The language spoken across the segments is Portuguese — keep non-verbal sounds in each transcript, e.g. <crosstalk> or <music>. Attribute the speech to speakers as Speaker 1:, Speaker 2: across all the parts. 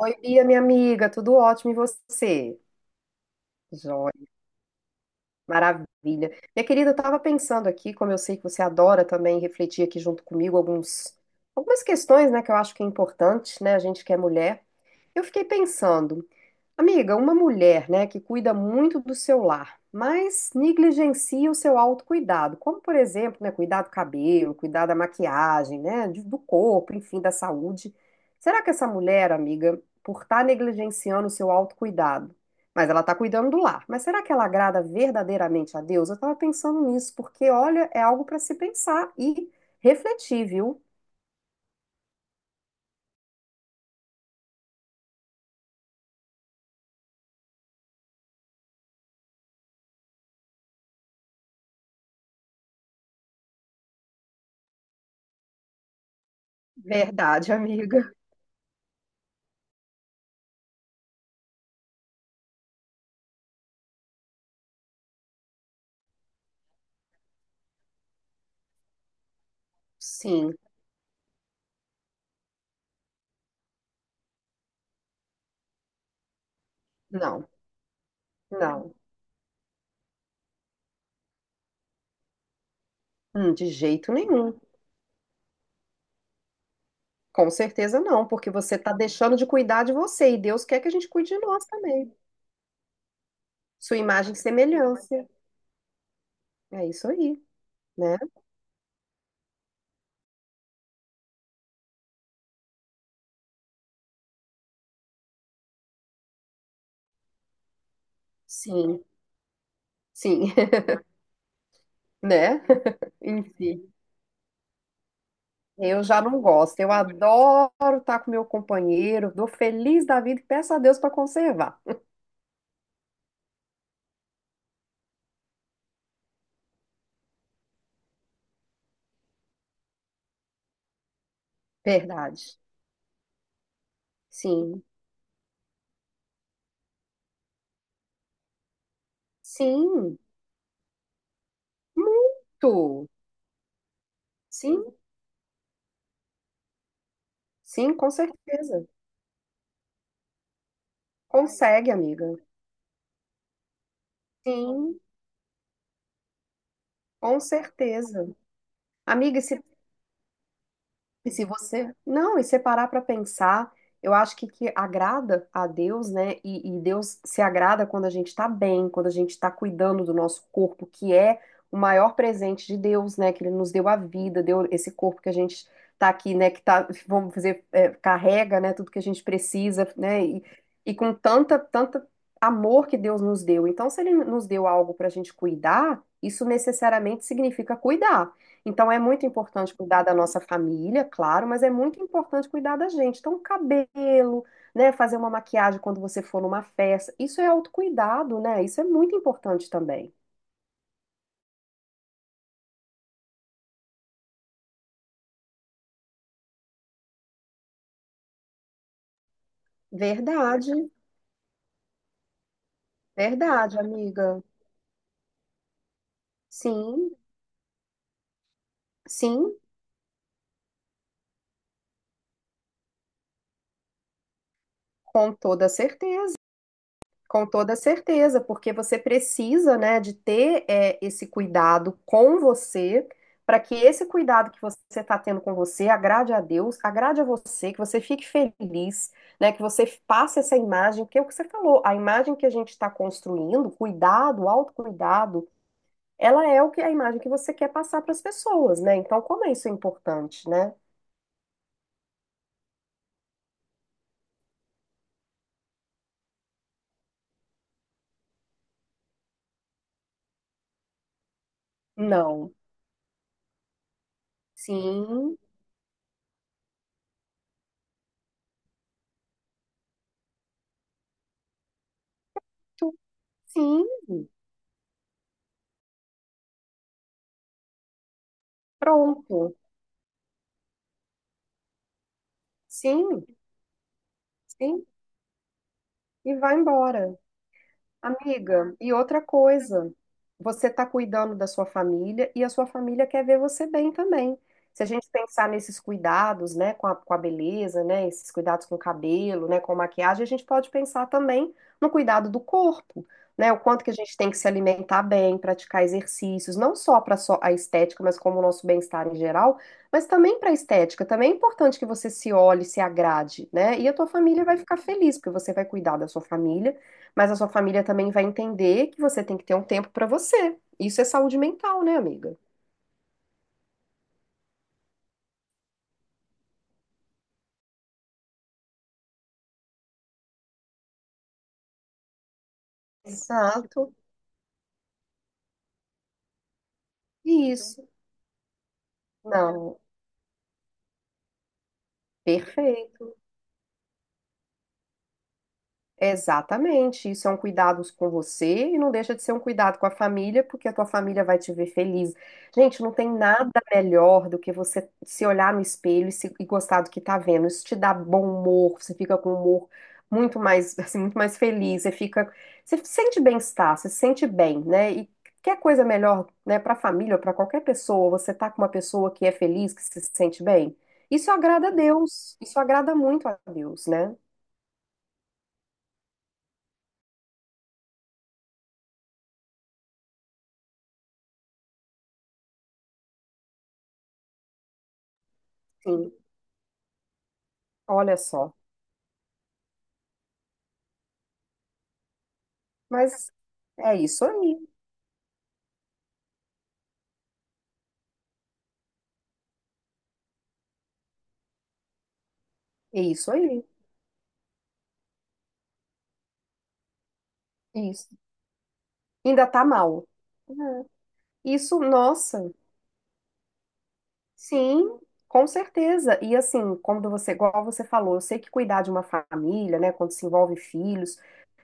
Speaker 1: Oi, Bia, minha amiga, tudo ótimo e você? Joia, maravilha. Minha querida, eu estava pensando aqui, como eu sei que você adora também refletir aqui junto comigo algumas questões, né, que eu acho que é importante, né, a gente que é mulher. Eu fiquei pensando, amiga, uma mulher, né, que cuida muito do seu lar, mas negligencia o seu autocuidado, como por exemplo, né, cuidar do cabelo, cuidar da maquiagem, né, do corpo, enfim, da saúde. Será que essa mulher, amiga, por estar negligenciando o seu autocuidado, mas ela está cuidando do lar, mas será que ela agrada verdadeiramente a Deus? Eu estava pensando nisso, porque olha, é algo para se pensar e refletir, viu? Verdade, amiga. Sim. Não, não. De jeito nenhum. Com certeza não, porque você está deixando de cuidar de você e Deus quer que a gente cuide de nós também. Sua imagem e semelhança. É isso aí, né? Sim, sim, <laughs> né? Enfim, eu já não gosto. Eu adoro estar com meu companheiro, dou feliz da vida e peço a Deus para conservar. Verdade. Sim, sim, muito. Sim, sim, com certeza. Consegue, amiga. Sim, com certeza. Amiga, se, e se você, não, e você parar para pensar, eu acho que agrada a Deus, né? E Deus se agrada quando a gente tá bem, quando a gente tá cuidando do nosso corpo, que é o maior presente de Deus, né? Que Ele nos deu a vida, deu esse corpo que a gente tá aqui, né? Que tá, vamos dizer, carrega, né? Tudo que a gente precisa, né? E com tanta, tanta amor que Deus nos deu. Então, se Ele nos deu algo pra gente cuidar, isso necessariamente significa cuidar. Então, é muito importante cuidar da nossa família, claro, mas é muito importante cuidar da gente. Então, cabelo, né? Fazer uma maquiagem quando você for numa festa. Isso é autocuidado, né? Isso é muito importante também. Verdade, verdade, amiga. Sim, sim, com toda certeza. Com toda certeza, porque você precisa, né, de ter esse cuidado com você, para que esse cuidado que você está tendo com você agrade a Deus, agrade a você, que você fique feliz, né, que você passe essa imagem, porque é o que você falou, a imagem que a gente está construindo, cuidado, autocuidado, ela é o que a imagem que você quer passar para as pessoas, né? Então, como é isso é importante, né? Não. Sim, sim, pronto. Sim, sim, e vai embora. Amiga, e outra coisa, você está cuidando da sua família e a sua família quer ver você bem também. Se a gente pensar nesses cuidados, né, com a beleza, né, esses cuidados com o cabelo, né, com a maquiagem, a gente pode pensar também no cuidado do corpo, né, o quanto que a gente tem que se alimentar bem, praticar exercícios, não só para a estética, mas como o nosso bem-estar em geral, mas também para a estética. Também é importante que você se olhe, se agrade, né, e a tua família vai ficar feliz, porque você vai cuidar da sua família mas a sua família também vai entender que você tem que ter um tempo para você. Isso é saúde mental, né, amiga? Exato. Isso. Não, perfeito. Exatamente, isso é um cuidado com você e não deixa de ser um cuidado com a família, porque a tua família vai te ver feliz. Gente, não tem nada melhor do que você se olhar no espelho e, e gostar do que tá vendo. Isso te dá bom humor, você fica com humor muito mais, <laughs> assim, muito mais feliz, você fica, você sente bem-estar, você se sente bem, né? E quer coisa melhor, né, para a família ou para qualquer pessoa, você tá com uma pessoa que é feliz, que se sente bem. Isso agrada a Deus, isso agrada muito a Deus, né? Sim, olha só. Mas é isso aí. É isso aí. É isso. Ainda tá mal. É. Isso, nossa. Sim, com certeza. E assim, quando você, igual você falou, eu sei que cuidar de uma família, né, quando se envolve filhos,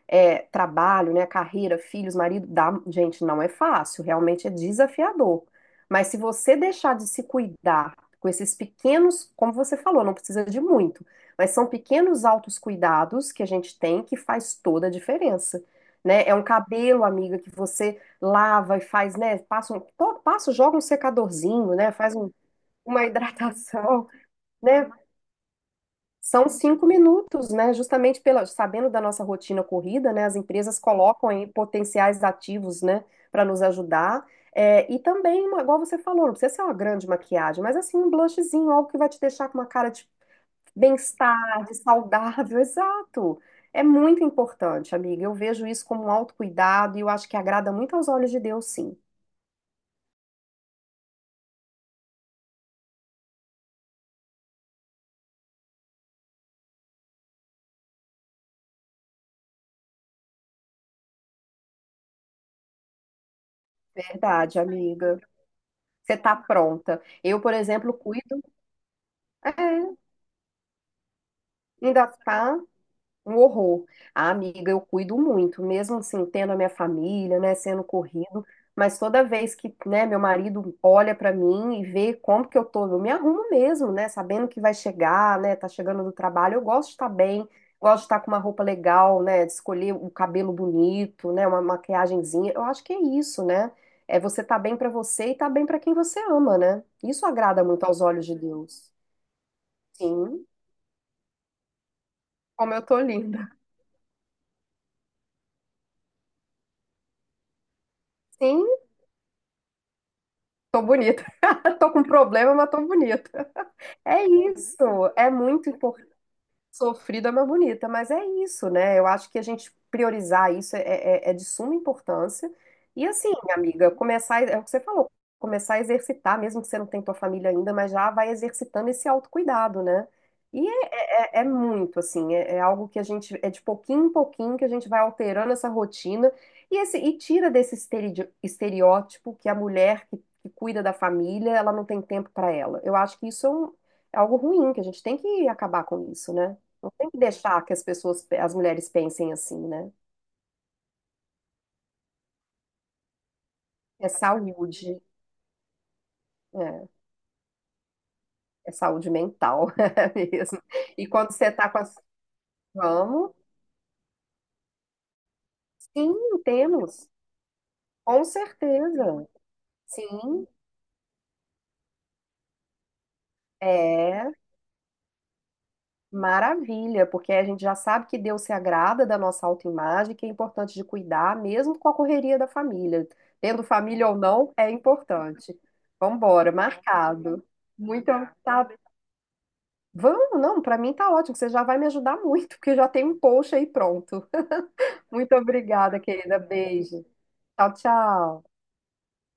Speaker 1: trabalho, né, carreira, filhos, marido, dá, gente, não é fácil, realmente é desafiador. Mas se você deixar de se cuidar com esses pequenos, como você falou, não precisa de muito, mas são pequenos altos cuidados que a gente tem que faz toda a diferença. Né? É um cabelo, amiga, que você lava e faz, né? Passa, joga um secadorzinho, né? Faz uma hidratação, né? São 5 minutos, né? Justamente sabendo da nossa rotina corrida, né? As empresas colocam aí potenciais ativos, né? Para nos ajudar. É, e também, igual você falou, não precisa ser uma grande maquiagem, mas assim, um blushzinho, algo que vai te deixar com uma cara de bem-estar, de saudável, <laughs> exato. É muito importante, amiga. Eu vejo isso como um autocuidado e eu acho que agrada muito aos olhos de Deus, sim. Verdade, amiga. Você tá pronta. Eu, por exemplo, cuido. É, ainda tá. Um horror. Ah, amiga, eu cuido muito, mesmo assim, tendo a minha família, né, sendo corrido, mas toda vez que, né, meu marido olha pra mim e vê como que eu tô, eu me arrumo mesmo, né, sabendo que vai chegar, né, tá chegando do trabalho, eu gosto de estar bem, gosto de estar com uma roupa legal, né, de escolher o cabelo bonito, né, uma maquiagenzinha. Eu acho que é isso, né? É você tá bem pra você e tá bem pra quem você ama, né? Isso agrada muito aos olhos de Deus. Sim, como eu tô linda. Sim, tô bonita. <laughs> Tô com problema, mas tô bonita. É isso. É muito importante. Sofrida, mas bonita, mas é isso, né? Eu acho que a gente priorizar isso é de suma importância. E assim, amiga, começar, é o que você falou, começar a exercitar, mesmo que você não tenha tua família ainda, mas já vai exercitando esse autocuidado, né? E é muito, assim, é algo que a gente, é de pouquinho em pouquinho que a gente vai alterando essa rotina e tira desse estereótipo que a mulher que cuida da família, ela não tem tempo para ela. Eu acho que isso é é algo ruim, que a gente tem que acabar com isso, né? Não tem que deixar que as pessoas, as mulheres pensem assim, né? É saúde, é, é saúde mental <laughs> é mesmo. E quando você tá com as, vamos? Sim, temos, com certeza. Sim, é maravilha, porque a gente já sabe que Deus se agrada da nossa autoimagem, que é importante de cuidar, mesmo com a correria da família. Tendo família ou não, é importante. Vambora, marcado. Muito, tá. Vamos, não, para mim tá ótimo, você já vai me ajudar muito, porque já tem um post aí pronto. Muito obrigada, querida. Beijo. Tchau, tchau.